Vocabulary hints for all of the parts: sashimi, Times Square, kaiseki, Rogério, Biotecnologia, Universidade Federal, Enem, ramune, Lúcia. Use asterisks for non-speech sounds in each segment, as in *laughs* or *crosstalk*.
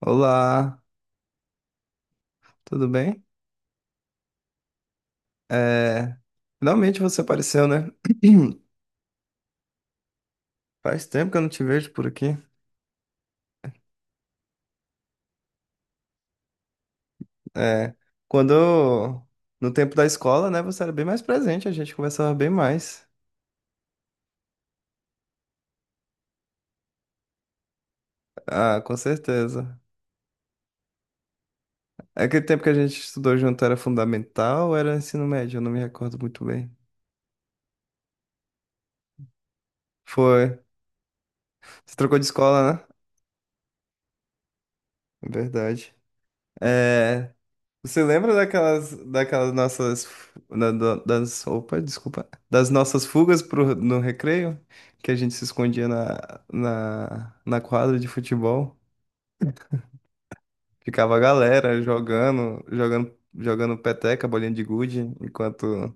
Olá, tudo bem? É, finalmente você apareceu, né? *clears throat* Faz tempo que eu não te vejo por aqui. É, quando eu- no tempo da escola, né, você era bem mais presente, a gente conversava bem mais. Ah, com certeza. Aquele tempo que a gente estudou junto era fundamental ou era ensino médio? Eu não me recordo muito bem. Foi. Você trocou de escola, né? Verdade. É, você lembra daquelas, nossas, das nossas fugas no recreio, que a gente se escondia na quadra de futebol, ficava a galera jogando, jogando, jogando peteca, bolinha de gude, enquanto,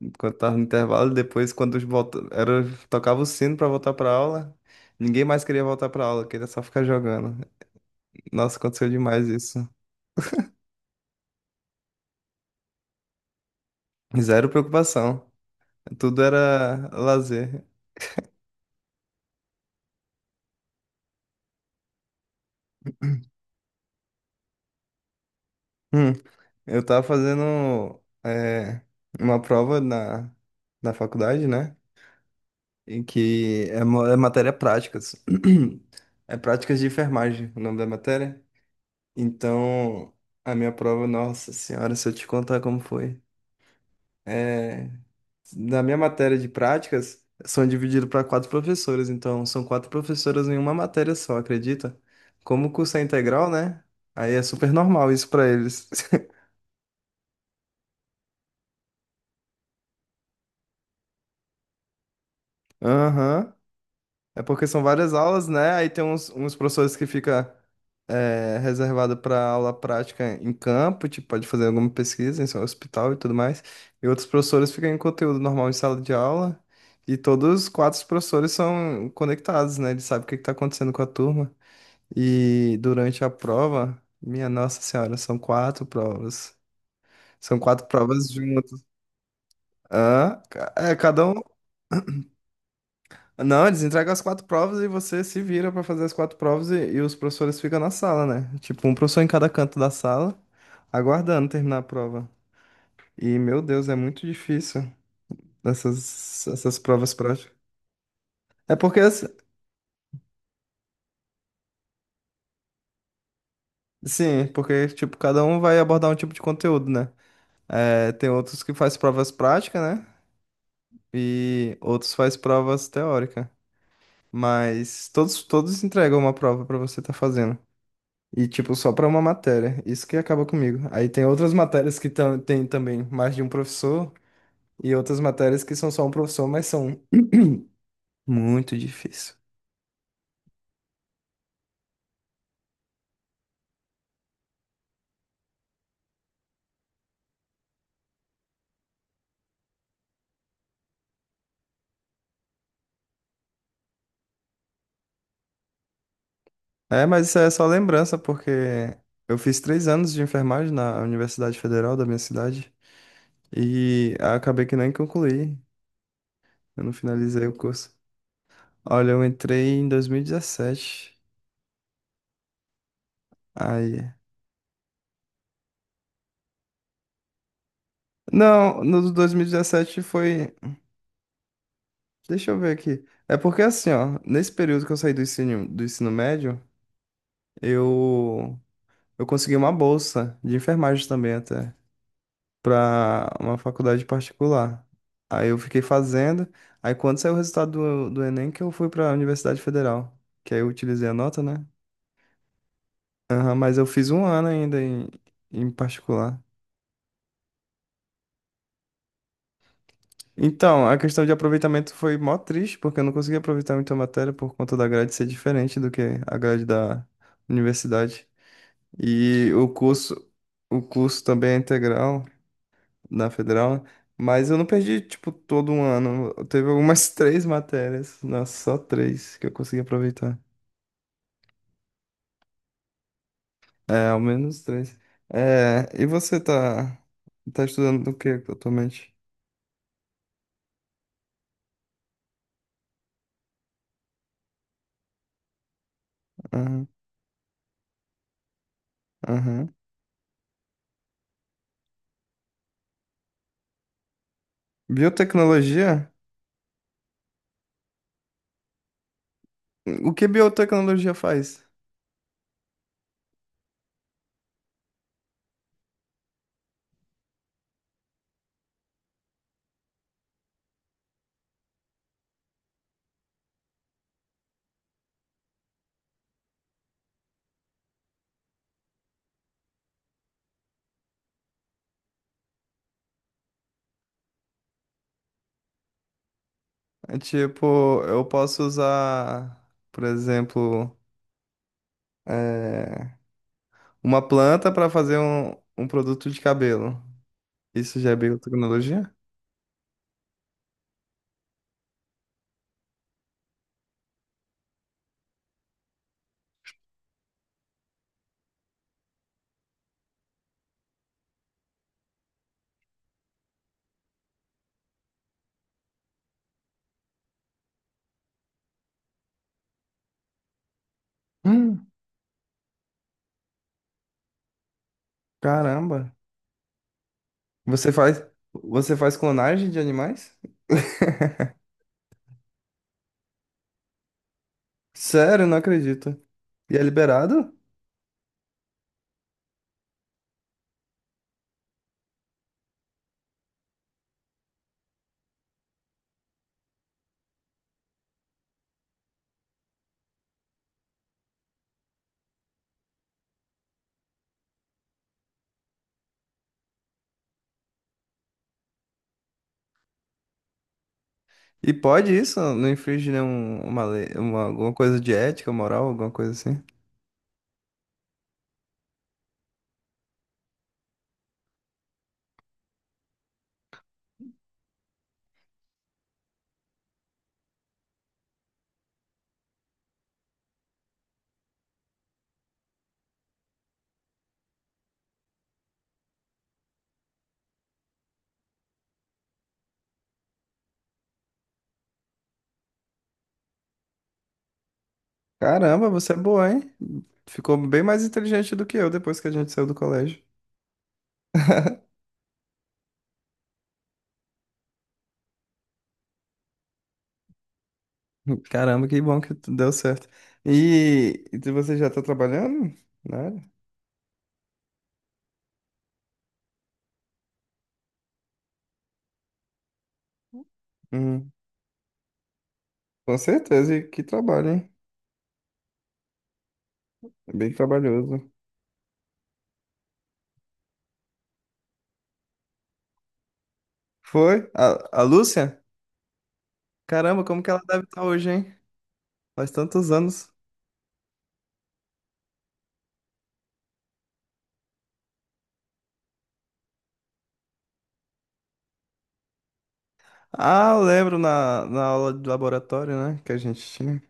tava no intervalo, e depois quando os volta, era, tocava o sino para voltar para aula, ninguém mais queria voltar para aula, queria só ficar jogando. Nossa, aconteceu demais isso. Zero preocupação. Tudo era lazer. Hum, eu tava fazendo é, uma prova na, faculdade, né? E que é, é matéria práticas. *clears throat* É práticas de enfermagem, o nome da matéria. Então, a minha prova, nossa senhora, se eu te contar como foi. É, na minha matéria de práticas, são divididos para quatro professores. Então, são quatro professoras em uma matéria só, acredita? Como o curso é integral, né? Aí é super normal isso para eles. *laughs* Aham. É porque são várias aulas, né? Aí tem uns, professores que fica é, reservado para aula prática em campo, tipo, pode fazer alguma pesquisa em seu hospital e tudo mais. E outros professores ficam em conteúdo normal em sala de aula. E todos os quatro professores são conectados, né? Eles sabem o que está acontecendo com a turma. E durante a prova, minha Nossa Senhora, são quatro provas. São quatro provas juntas. Ah, é, cada um. Não, eles entregam as quatro provas e você se vira pra fazer as quatro provas e, os professores ficam na sala, né? Tipo, um professor em cada canto da sala, aguardando terminar a prova. E, meu Deus, é muito difícil essas, provas práticas. É porque, assim, sim, porque, tipo, cada um vai abordar um tipo de conteúdo, né? É, tem outros que faz provas práticas, né? E outros faz provas teóricas. Mas todos, entregam uma prova pra você estar fazendo. E, tipo, só pra uma matéria. Isso que acaba comigo. Aí tem outras matérias que tem também mais de um professor e outras matérias que são só um professor, mas são muito difícil. É, mas isso é só lembrança, porque eu fiz 3 anos de enfermagem na Universidade Federal da minha cidade e acabei que nem concluí. Eu não finalizei o curso. Olha, eu entrei em 2017. Aí. Não, no 2017 foi. Deixa eu ver aqui. É porque assim, ó, nesse período que eu saí do ensino médio, eu, consegui uma bolsa de enfermagem também até, pra uma faculdade particular. Aí eu fiquei fazendo, aí quando saiu o resultado do Enem, que eu fui pra Universidade Federal, que aí eu utilizei a nota, né? Aham, mas eu fiz um ano ainda em, particular. Então, a questão de aproveitamento foi mó triste, porque eu não consegui aproveitar muito a matéria por conta da grade ser diferente do que a grade da universidade. E o curso também é integral na federal, né? Mas eu não perdi, tipo, todo um ano. Teve algumas *laughs* três matérias, nossa, só três que eu consegui aproveitar. É, ao menos três. É, e você tá estudando o que atualmente? Aham, aham. Biotecnologia? O que biotecnologia faz? É tipo, eu posso usar, por exemplo, é, uma planta para fazer um, produto de cabelo. Isso já é biotecnologia? Hum, caramba. Você faz, você faz clonagem de animais? *laughs* Sério, não acredito. E é liberado? E pode isso? Não infringe nenhum, uma lei, uma, alguma coisa de ética, moral, alguma coisa assim? Caramba, você é boa, hein? Ficou bem mais inteligente do que eu depois que a gente saiu do colégio. Caramba, que bom que deu certo. E você já tá trabalhando? Né? Hum, com certeza, e que trabalho, hein? É bem trabalhoso. Foi? A, Lúcia? Caramba, como que ela deve estar hoje, hein? Faz tantos anos. Ah, eu lembro na, aula de laboratório, né? Que a gente tinha.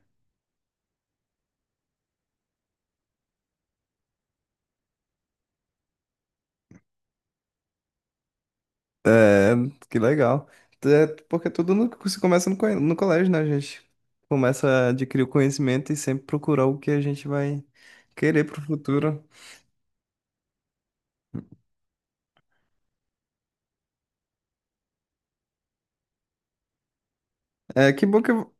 É, que legal. É, porque tudo se começa no colégio, né? A gente começa a adquirir o conhecimento e sempre procurar o que a gente vai querer pro futuro. É, que bom que eu...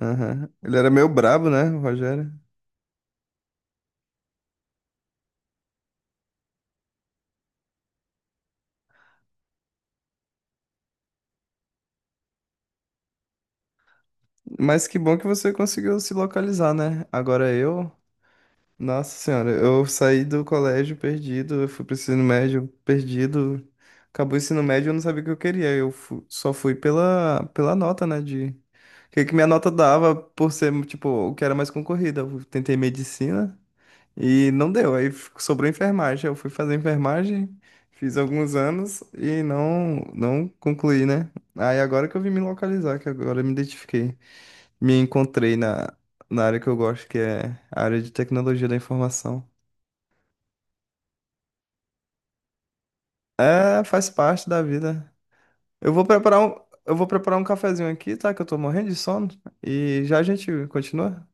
Aham. Ele era meio brabo, né, o Rogério? Mas que bom que você conseguiu se localizar, né? Agora eu. Nossa senhora, eu saí do colégio perdido, eu fui pro ensino médio perdido. Acabou o ensino médio, eu não sabia o que eu queria. Eu só fui pela, nota, né? De o que que minha nota dava por ser, tipo, o que era mais concorrida. Eu tentei medicina e não deu. Aí sobrou enfermagem. Eu fui fazer enfermagem, fiz alguns anos e não, não concluí, né? Aí agora que eu vim me localizar, que agora eu me identifiquei me encontrei na, área que eu gosto, que é a área de tecnologia da informação. É, faz parte da vida. Eu vou preparar um, eu vou preparar um cafezinho aqui, tá? Que eu tô morrendo de sono. E já a gente continua.